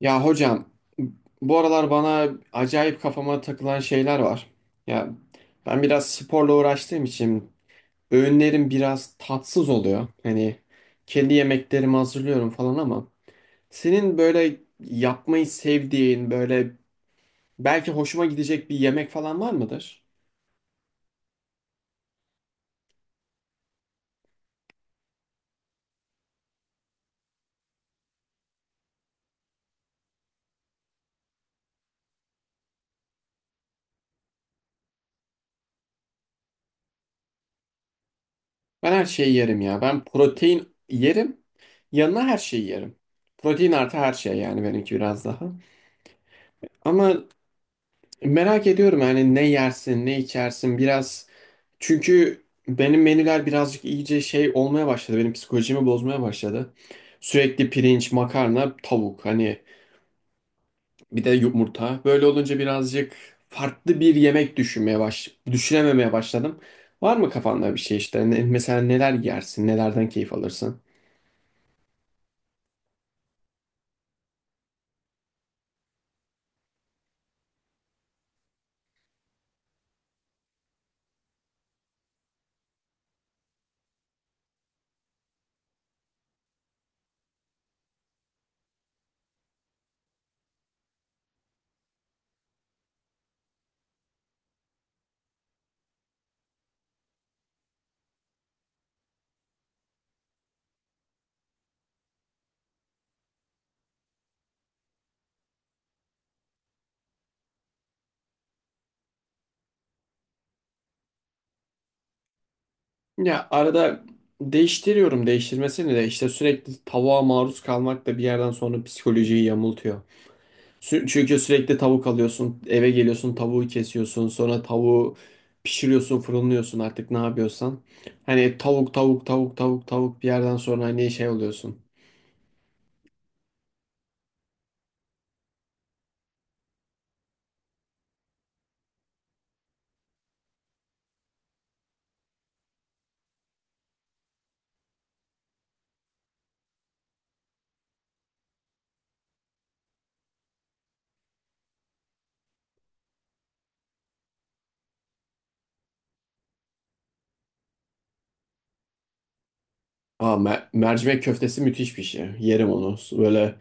Ya hocam, bu aralar bana acayip kafama takılan şeyler var. Ya, ben biraz sporla uğraştığım için öğünlerim biraz tatsız oluyor. Hani kendi yemeklerimi hazırlıyorum falan ama senin böyle yapmayı sevdiğin, böyle belki hoşuma gidecek bir yemek falan var mıdır? Ben her şeyi yerim ya. Ben protein yerim. Yanına her şeyi yerim. Protein artı her şey, yani benimki biraz daha. Ama merak ediyorum yani, ne yersin, ne içersin biraz. Çünkü benim menüler birazcık iyice şey olmaya başladı. Benim psikolojimi bozmaya başladı. Sürekli pirinç, makarna, tavuk, hani bir de yumurta. Böyle olunca birazcık farklı bir yemek düşünmeye düşünememeye başladım. Var mı kafanda bir şey işte? Mesela neler yersin? Nelerden keyif alırsın? Ya arada değiştiriyorum, değiştirmesini de işte, sürekli tavuğa maruz kalmak da bir yerden sonra psikolojiyi yamultuyor. Çünkü sürekli tavuk alıyorsun, eve geliyorsun, tavuğu kesiyorsun, sonra tavuğu pişiriyorsun, fırınlıyorsun artık ne yapıyorsan. Hani tavuk, tavuk, tavuk, tavuk, tavuk, bir yerden sonra hani şey oluyorsun. Aa, mercimek köftesi müthiş bir şey. Yerim onu. Böyle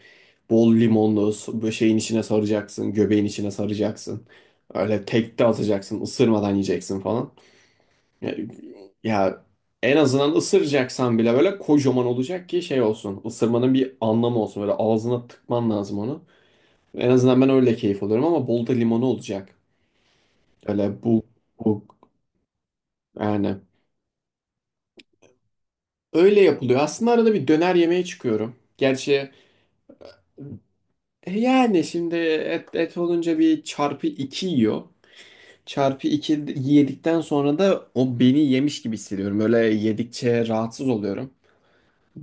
bol limonlu, böyle şeyin içine saracaksın, göbeğin içine saracaksın. Öyle tek de atacaksın, ısırmadan yiyeceksin falan. Ya, ya, en azından ısıracaksan bile böyle kocaman olacak ki şey olsun. Isırmanın bir anlamı olsun. Böyle ağzına tıkman lazım onu. En azından ben öyle keyif alıyorum, ama bol da limonu olacak. Öyle bu yani. Öyle yapılıyor. Aslında arada bir döner yemeye çıkıyorum. Gerçi yani şimdi et olunca bir çarpı iki yiyor. Çarpı iki yedikten sonra da o beni yemiş gibi hissediyorum. Böyle yedikçe rahatsız oluyorum.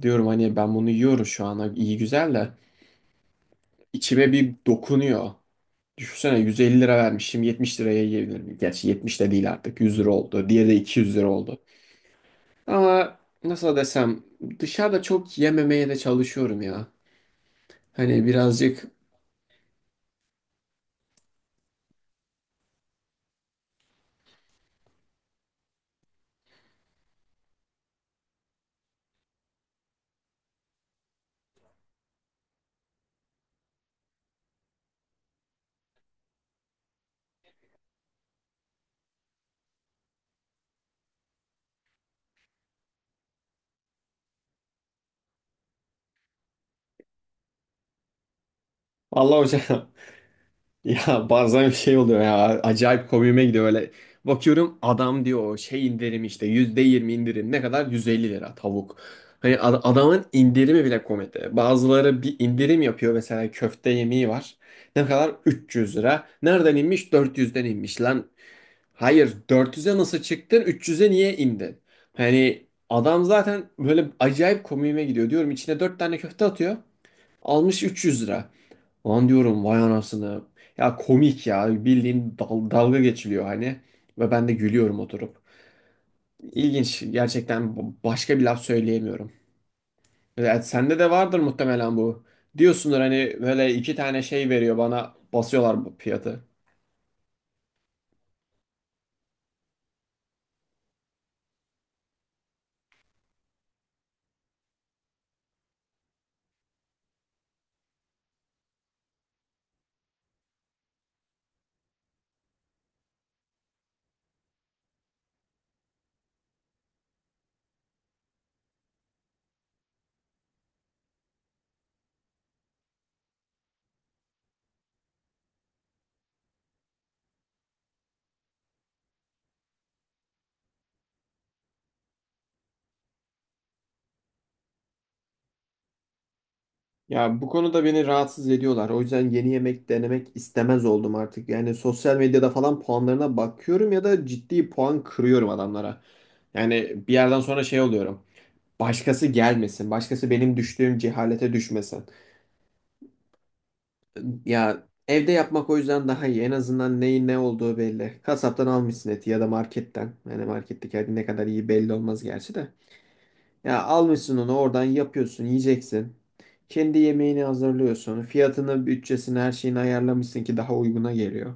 Diyorum hani ben bunu yiyorum, şu ana iyi güzel de. İçime bir dokunuyor. Düşünsene 150 lira vermişim, 70 liraya yiyebilirim. Gerçi 70 de değil, artık 100 lira oldu. Diğeri de 200 lira oldu. Ama nasıl desem, dışarıda çok yememeye de çalışıyorum ya. Hani birazcık... Allah hocam. Ya, bazen bir şey oluyor ya, acayip komiğime gidiyor öyle. Bakıyorum adam diyor şey indirim işte, %20 indirim. Ne kadar? 150 lira tavuk. Hani adamın indirimi bile komedi. Bazıları bir indirim yapıyor, mesela köfte yemeği var. Ne kadar? 300 lira. Nereden inmiş? 400'den inmiş lan. Hayır, 400'e nasıl çıktın, 300'e niye indin? Hani adam zaten böyle acayip komiğime gidiyor, diyorum içine 4 tane köfte atıyor. Almış 300 lira. Lan diyorum vay anasını. Ya komik ya, bildiğin dalga geçiliyor hani. Ve ben de gülüyorum oturup. İlginç gerçekten, başka bir laf söyleyemiyorum. Evet, sende de vardır muhtemelen bu. Diyorsundur hani böyle iki tane şey veriyor, bana basıyorlar bu fiyatı. Ya bu konuda beni rahatsız ediyorlar. O yüzden yeni yemek denemek istemez oldum artık. Yani sosyal medyada falan puanlarına bakıyorum ya da ciddi puan kırıyorum adamlara. Yani bir yerden sonra şey oluyorum. Başkası gelmesin. Başkası benim düştüğüm cehalete düşmesin. Ya evde yapmak o yüzden daha iyi. En azından neyin ne olduğu belli. Kasaptan almışsın eti ya da marketten. Yani marketteki et ne kadar iyi belli olmaz gerçi de. Ya almışsın onu, oradan yapıyorsun, yiyeceksin. Kendi yemeğini hazırlıyorsun. Fiyatını, bütçesini, her şeyini ayarlamışsın ki daha uyguna geliyor.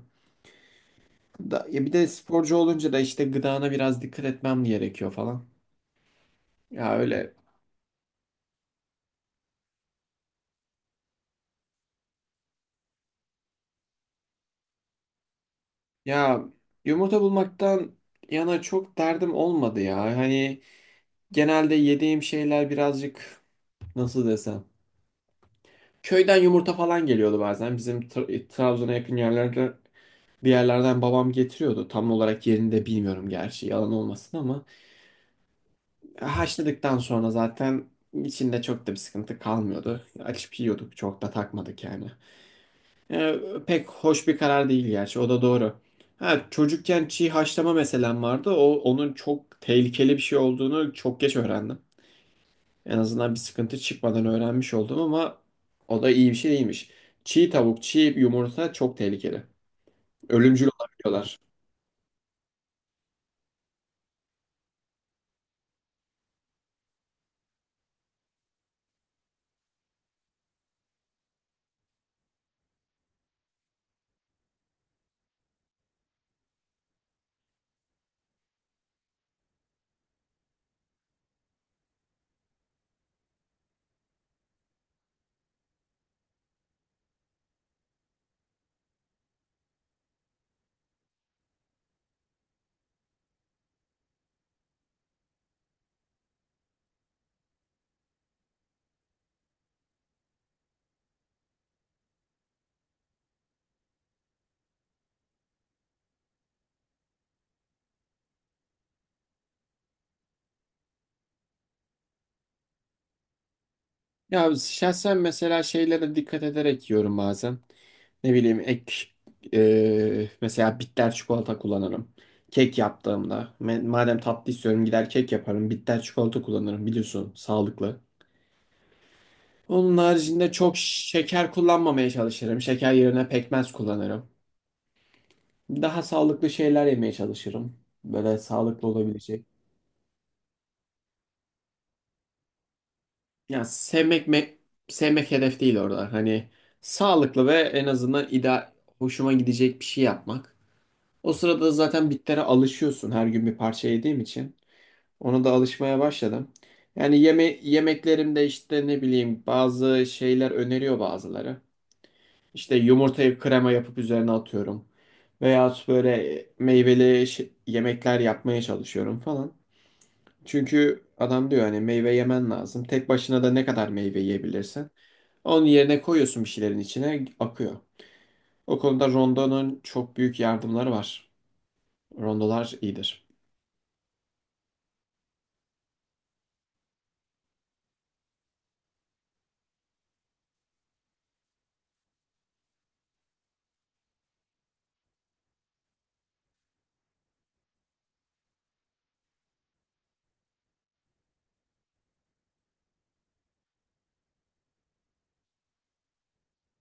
Da, ya bir de sporcu olunca da işte gıdana biraz dikkat etmem gerekiyor falan. Ya öyle. Ya, yumurta bulmaktan yana çok derdim olmadı ya. Hani genelde yediğim şeyler birazcık, nasıl desem... Köyden yumurta falan geliyordu bazen. Bizim Trabzon'a yakın yerlerde bir yerlerden babam getiriyordu. Tam olarak yerini de bilmiyorum gerçi, yalan olmasın ama. Haşladıktan sonra zaten içinde çok da bir sıkıntı kalmıyordu. Açıp yiyorduk, çok da takmadık yani. Ee, pek hoş bir karar değil gerçi. O da doğru. Ha, çocukken çiğ haşlama meselem vardı. O onun çok tehlikeli bir şey olduğunu çok geç öğrendim. En azından bir sıkıntı çıkmadan öğrenmiş oldum ama o da iyi bir şey değilmiş. Çiğ tavuk, çiğ yumurta çok tehlikeli. Ölümcül olabiliyorlar. Ya şahsen mesela şeylere dikkat ederek yiyorum bazen. Ne bileyim, mesela bitter çikolata kullanırım. Kek yaptığımda madem tatlı istiyorum gider kek yaparım. Bitter çikolata kullanırım, biliyorsun sağlıklı. Onun haricinde çok şeker kullanmamaya çalışırım. Şeker yerine pekmez kullanırım. Daha sağlıklı şeyler yemeye çalışırım. Böyle sağlıklı olabilecek. Ya sevmek hedef değil orada. Hani sağlıklı ve en azından hoşuma gidecek bir şey yapmak. O sırada zaten bitlere alışıyorsun her gün bir parça yediğim için. Ona da alışmaya başladım. Yani yemeklerimde işte ne bileyim bazı şeyler öneriyor bazıları. İşte yumurtayı krema yapıp üzerine atıyorum. Veya böyle meyveli yemekler yapmaya çalışıyorum falan. Çünkü adam diyor hani meyve yemen lazım. Tek başına da ne kadar meyve yiyebilirsin. Onun yerine koyuyorsun bir şeylerin içine akıyor. O konuda rondonun çok büyük yardımları var. Rondolar iyidir.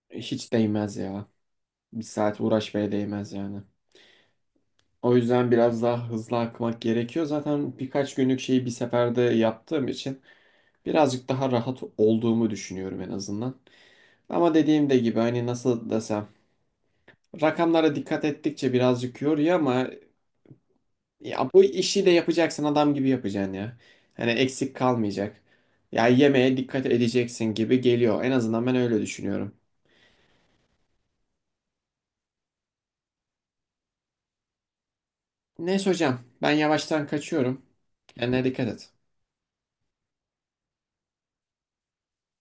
Hiç değmez ya. Bir saat uğraşmaya değmez yani. O yüzden biraz daha hızlı akmak gerekiyor. Zaten birkaç günlük şeyi bir seferde yaptığım için birazcık daha rahat olduğumu düşünüyorum en azından. Ama dediğim de gibi, hani nasıl desem, rakamlara dikkat ettikçe birazcık yoruyor ama ya bu işi de yapacaksın, adam gibi yapacaksın ya. Hani eksik kalmayacak. Ya yemeğe dikkat edeceksin gibi geliyor. En azından ben öyle düşünüyorum. Neyse hocam, ben yavaştan kaçıyorum. Kendine dikkat et.